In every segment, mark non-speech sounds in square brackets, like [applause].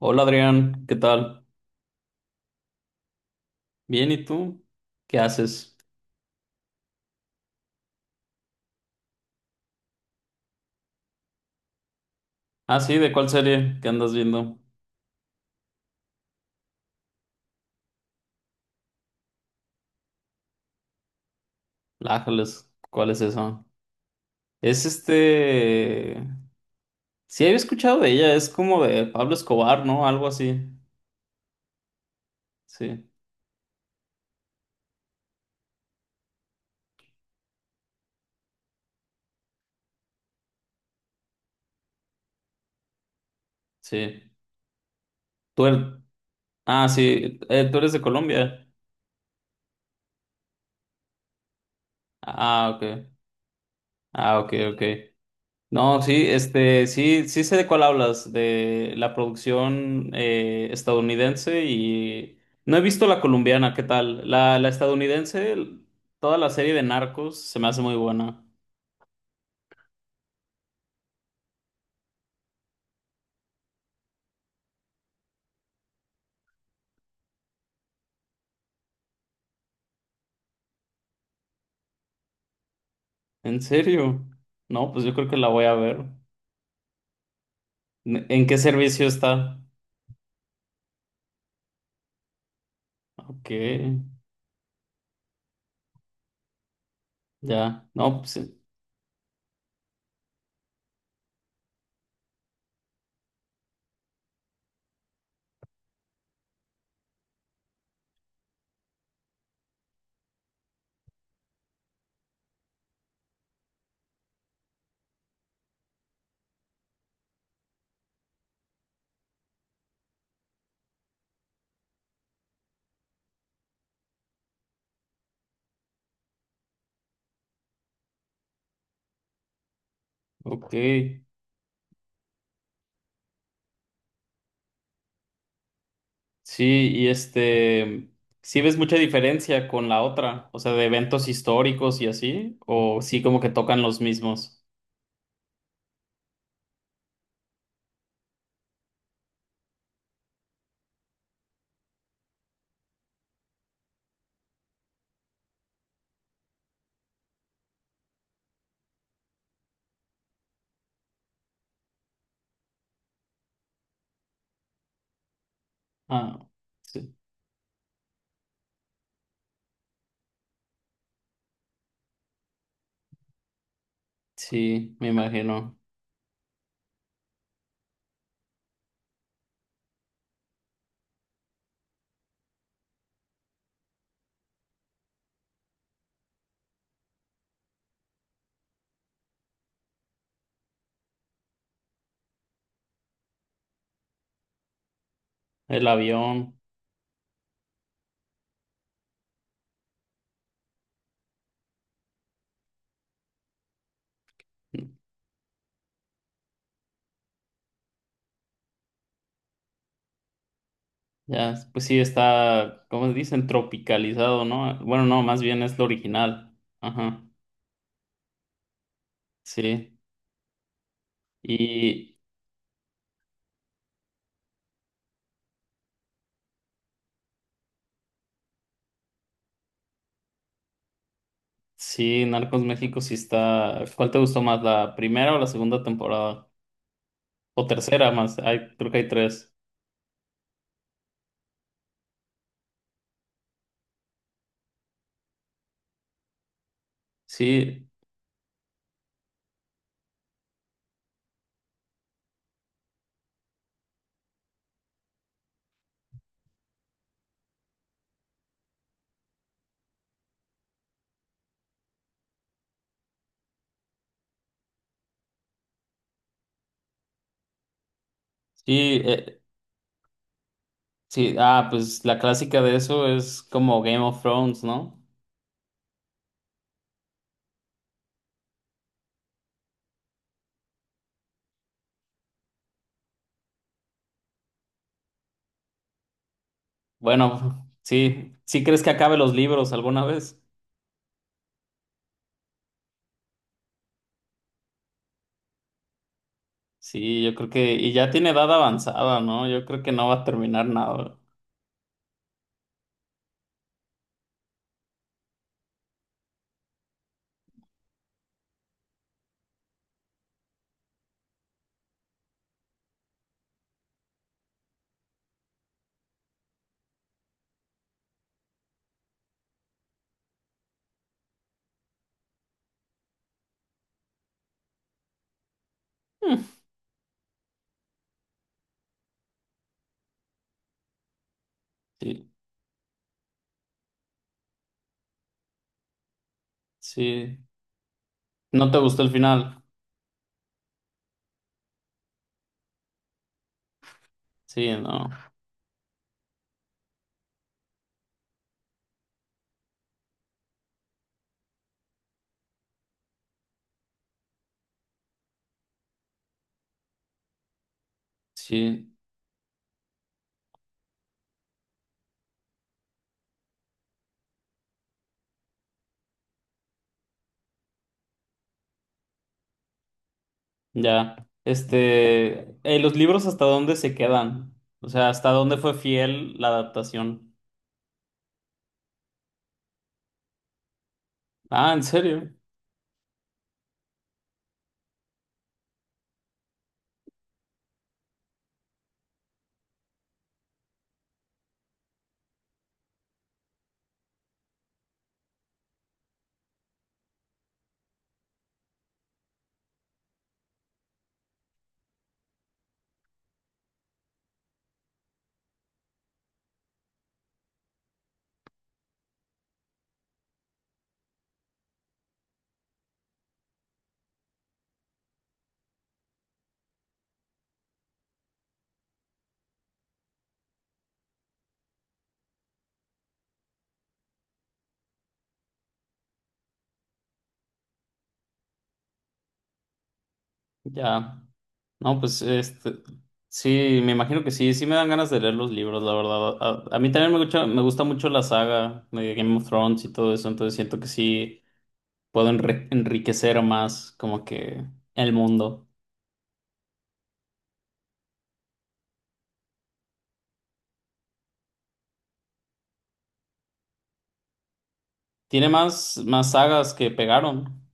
Hola Adrián, ¿qué tal? Bien, ¿y tú? ¿Qué haces? Ah, sí, ¿de cuál serie que andas viendo? Lájales, ¿cuál es esa? Es este... Sí, había escuchado de ella, es como de Pablo Escobar, ¿no? Algo así. Sí, sí. Tú eres... Ah, sí, tú eres de Colombia. Ah, ok. Ah, ok, ok. No, sí, este, sí, sí sé de cuál hablas, de la producción estadounidense, y no he visto la colombiana. ¿Qué tal la, la estadounidense? Toda la serie de Narcos se me hace muy buena. ¿En serio? No, pues yo creo que la voy a ver. ¿En qué servicio está? Ok, ya. No, pues, ok. Sí, y este, ¿sí ves mucha diferencia con la otra? O sea, de eventos históricos y así, o sí como que tocan los mismos. Ah, sí, sí, me imagino. El avión, ya, pues sí está, ¿cómo dicen? Tropicalizado, ¿no? Bueno, no, más bien es lo original. Ajá, sí. Y sí, Narcos México sí está. ¿Cuál te gustó más, la primera o la segunda temporada? O tercera más, hay, creo que hay tres. Sí, sí, sí. Ah, pues la clásica de eso es como Game of Thrones, ¿no? Bueno, [laughs] sí, ¿sí crees que acabe los libros alguna vez? Sí, yo creo que, y ya tiene edad avanzada, ¿no? Yo creo que no va a terminar nada. Mm, sí, sí. ¿No te gustó el final? Sí, no. Sí, ya. Este, ¿los libros hasta dónde se quedan? O sea, ¿hasta dónde fue fiel la adaptación? Ah, ¿en serio? Ya. No, pues este, sí, me imagino que sí, sí me dan ganas de leer los libros, la verdad. A mí también me gusta mucho la saga de Game of Thrones y todo eso, entonces siento que sí. Puedo enriquecer más como que el mundo. Tiene más, más sagas que pegaron.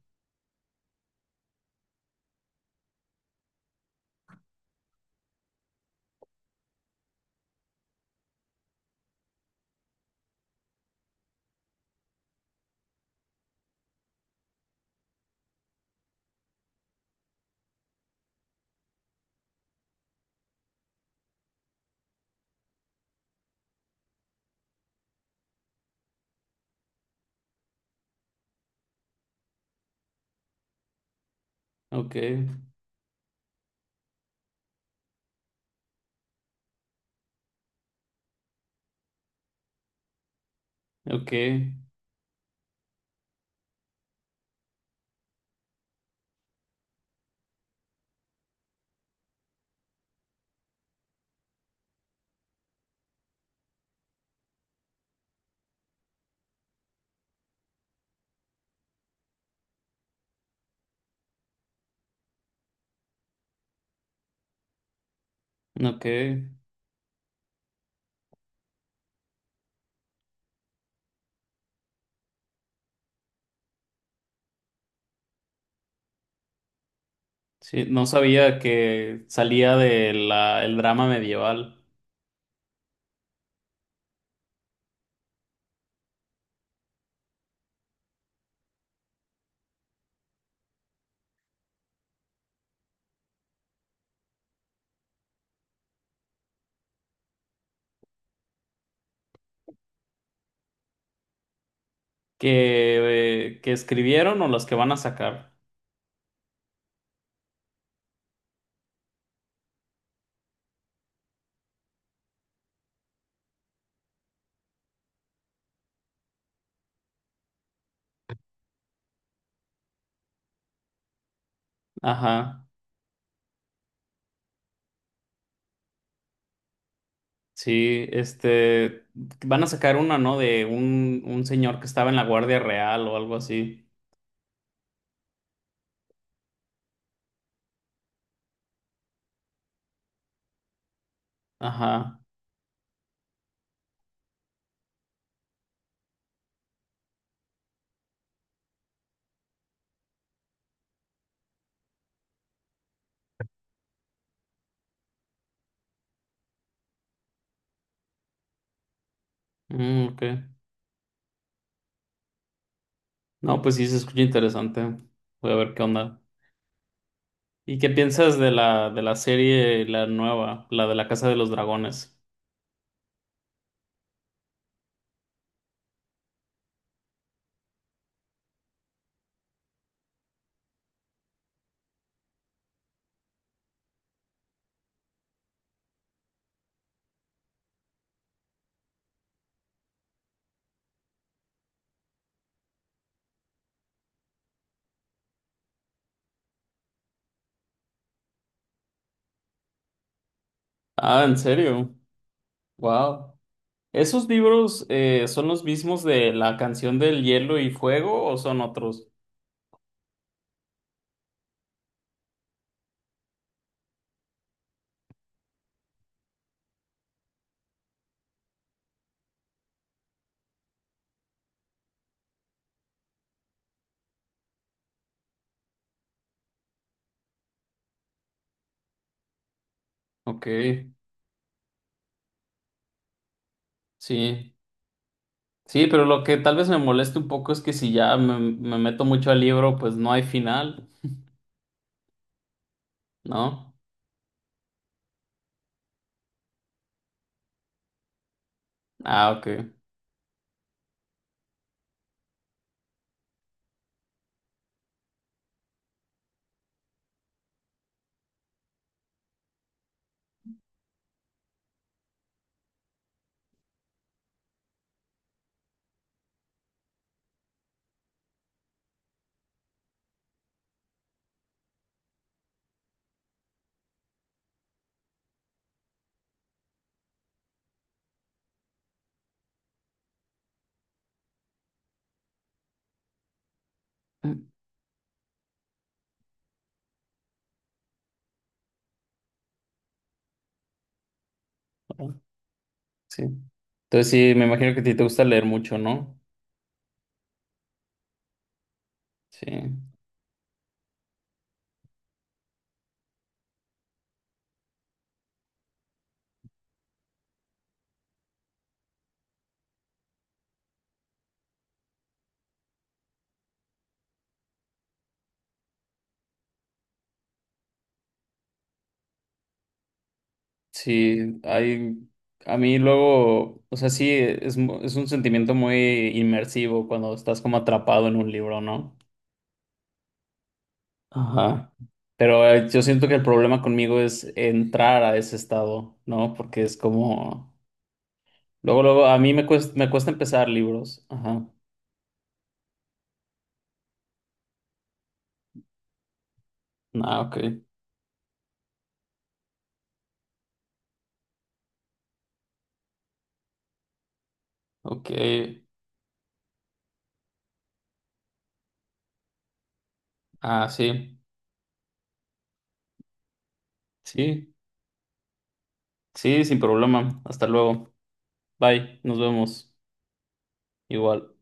Ok, ok, ok. Sí, no sabía que salía de la, el drama medieval que escribieron o los que van a sacar. Ajá, sí, este, van a sacar una, ¿no? De un señor que estaba en la Guardia Real o algo así. Ajá, mm, ok. No, pues sí, se escucha interesante. Voy a ver qué onda. ¿Y qué piensas de la serie, la nueva, la de la Casa de los Dragones? Ah, ¿en serio? Wow. ¿Esos libros son los mismos de la canción del hielo y fuego o son otros? Ok, sí. Sí, pero lo que tal vez me moleste un poco es que si ya me meto mucho al libro, pues no hay final, ¿no? Ah, ok. [laughs] Mm, bueno, sí. Entonces sí, me imagino que a ti te gusta leer mucho, ¿no? Sí. Sí, hay, a mí luego, o sea, sí, es, es un sentimiento muy inmersivo cuando estás como atrapado en un libro, ¿no? Ajá. Pero yo siento que el problema conmigo es entrar a ese estado, ¿no? Porque es como, luego, luego, a mí me cuesta empezar libros. Ajá. Ah, ok, ok. Ah, sí, sí, sí, sin problema. Hasta luego. Bye, nos vemos. Igual.